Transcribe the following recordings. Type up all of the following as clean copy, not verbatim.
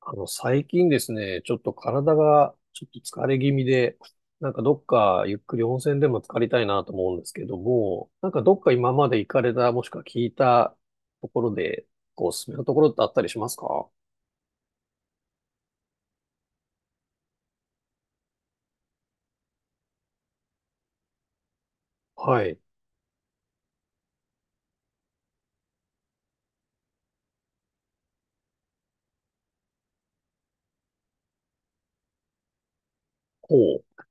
最近ですね、ちょっと体がちょっと疲れ気味で、なんかどっかゆっくり温泉でも浸かりたいなと思うんですけども、なんかどっか今まで行かれた、もしくは聞いたところで、こうおすすめのところってあったりしますか？はい。ほう。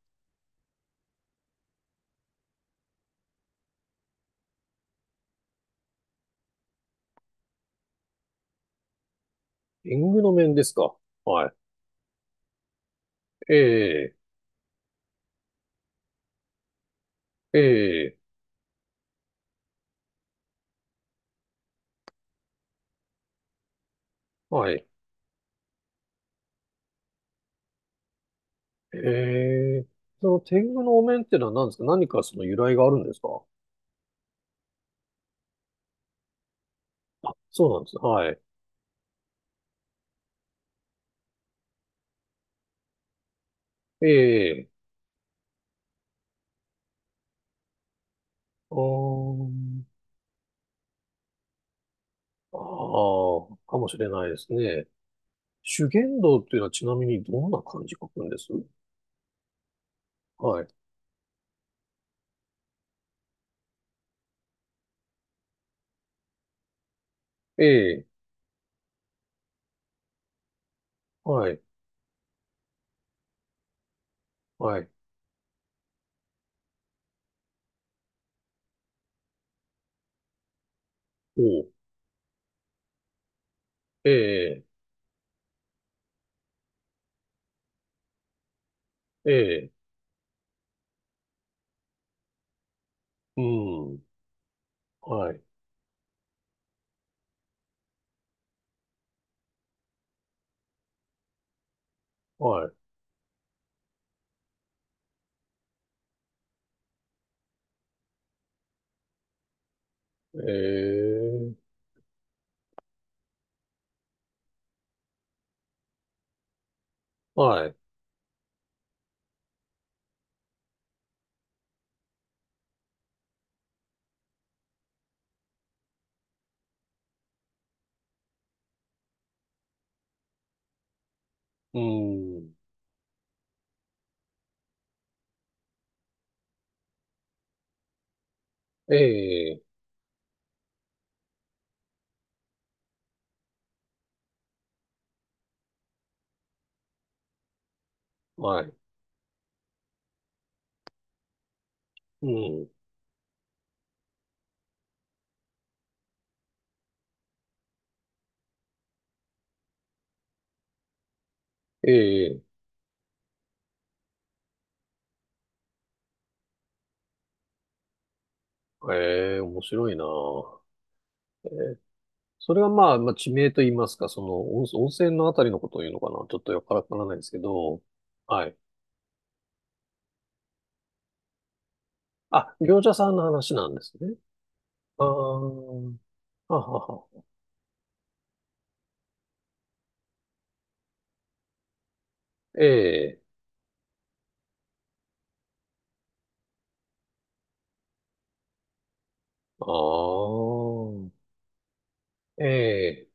縁具の面ですか？はい。ええ、ええ、はい。ええ、その天狗のお面っていうのは何ですか？何かその由来があるんですか？あ、そうなんです。はい。ええ、あー。ああ、かもしれないですね。修験道っていうのはちなみにどんな漢字書くんです？はい。ええ、はい、はい、おう、ええ、ええ、うん、はい、はい、ええ、はい、うん、ええ、はい、うん、ええ、ええ、面白いな。ええ、それはまあ、まあ、地名と言いますか、その温泉のあたりのことを言うのかな。ちょっとよくわからないですけど、はい。あ、行者さんの話なんですね。ああ、ははは。ええ、ああ、ええ、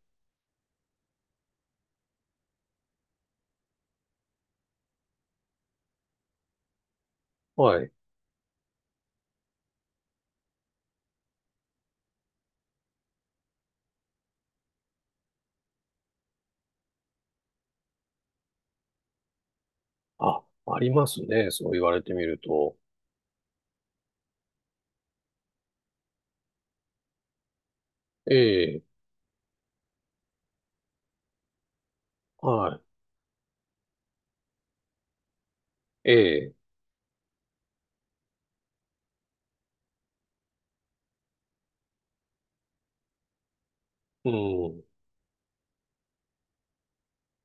はい。あ、ありますね。そう言われてみると。ええ、はい。ええ、うん。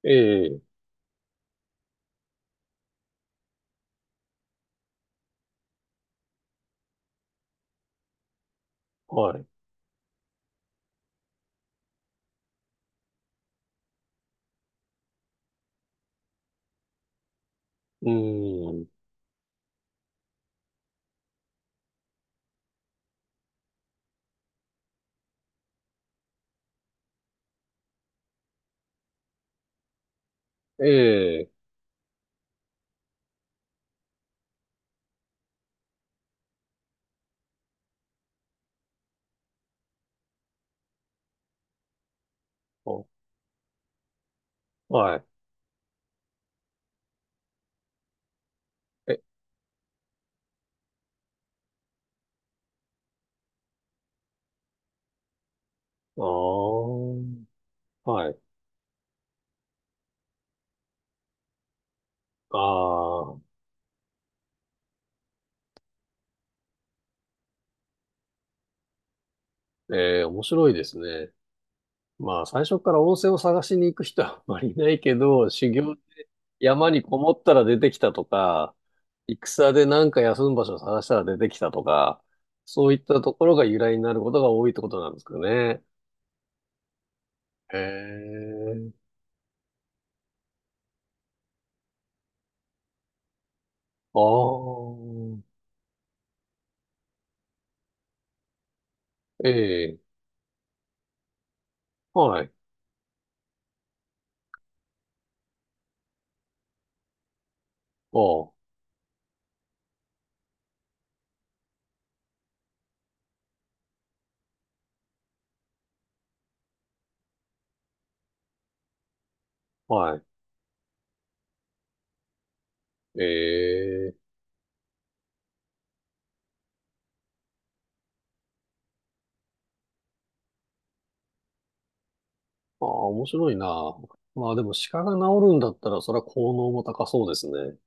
ええ、はい。うん。ええ、あはい。え、ああ、はい。ああ、ええ、面白いですね。まあ、最初から温泉を探しに行く人はあまりいないけど、修行で山にこもったら出てきたとか、戦でなんか休む場所を探したら出てきたとか、そういったところが由来になることが多いってことなんですかね。へえ。ああ、ええ、はい。ああ、はい。ええ、ああ、面白いな。まあでも鹿が治るんだったら、それは効能も高そうですね。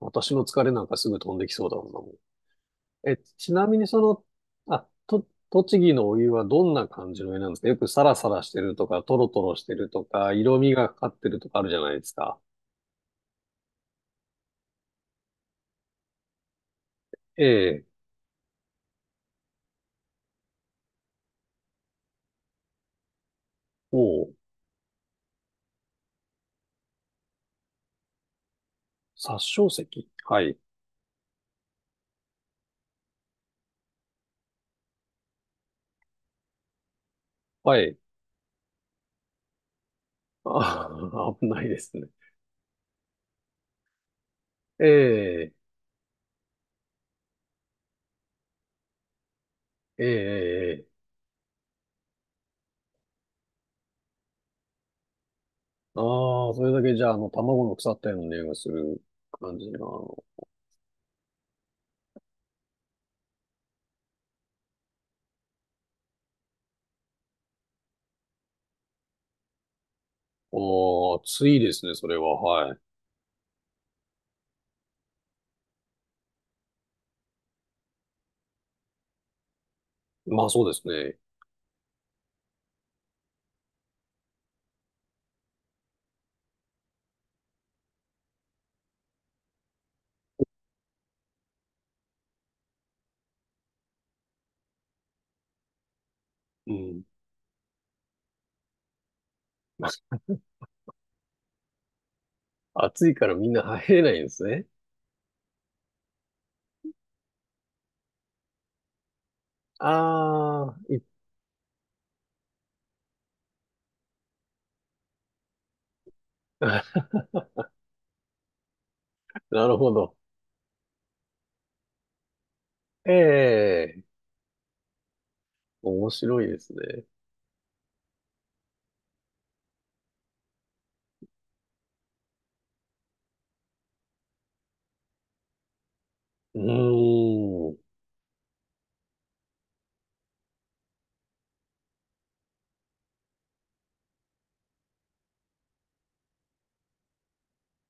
私の疲れなんかすぐ飛んできそうだもんな。ちなみにその、栃木のお湯はどんな感じのお湯なんですか？よくサラサラしてるとか、トロトロしてるとか、色味がかかってるとかあるじゃないですか。ええ、おう、殺生石、はい、はい。あー、危ないですね。ええ、ええ、ええ。ああ、それだけじゃあ、卵の腐ったような匂いがする感じなの。おー、暑いですね、それは。はい。まあそうですね。うん。暑いからみんな入れないんですね。ああ、なるほど。ええ、面白いですね。うーん。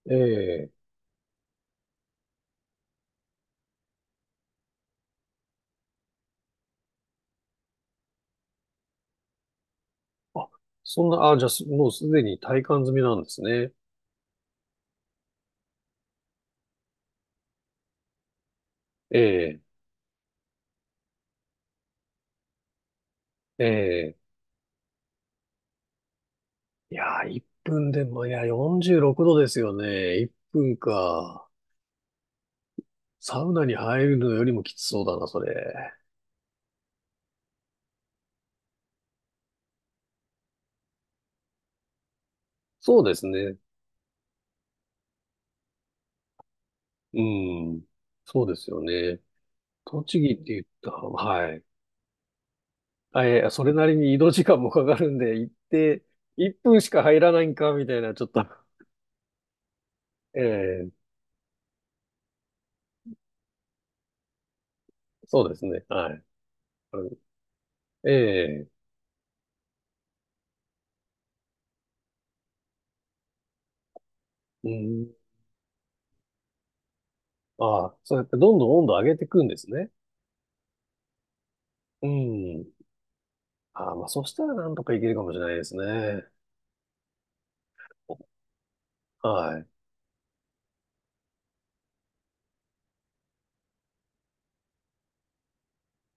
ええ。あ、そんな、あ、じゃあ、すもうすでに体感済みなんですね。ええ、ええ。いやー、1分でも、いや、46度ですよね。1分か。サウナに入るのよりもきつそうだな、それ。そうですね。うん。そうですよね。栃木って言った、はい。あ、いやいや、それなりに移動時間もかかるんで、行って、1分しか入らないんか、みたいな、ちょっと、ええ、そうですね。はい。あのええ、うん。ああ、そうやってどんどん温度上げていくんですね。うん。ああ、まあ、そしたらなんとかいけるかもしれないですね。はい。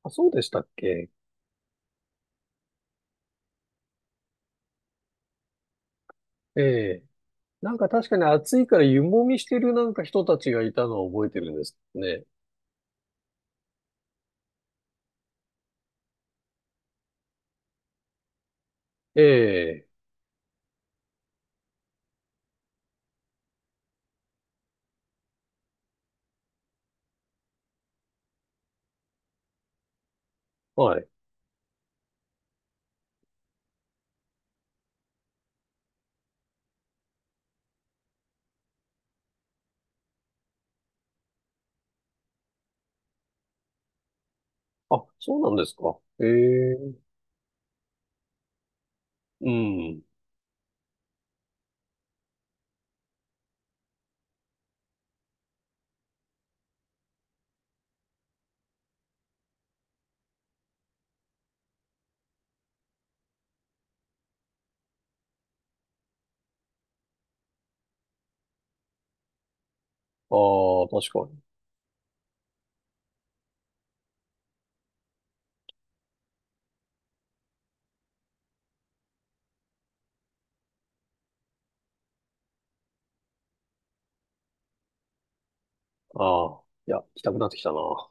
あ、そうでしたっけ？ええ、なんか確かに暑いから湯もみしてるなんか人たちがいたのを覚えてるんですけどね。ええ、はい。あ、そうなんですか。ええ、うん。ああ、確かに。ああ、いや、行きたくなってきたな。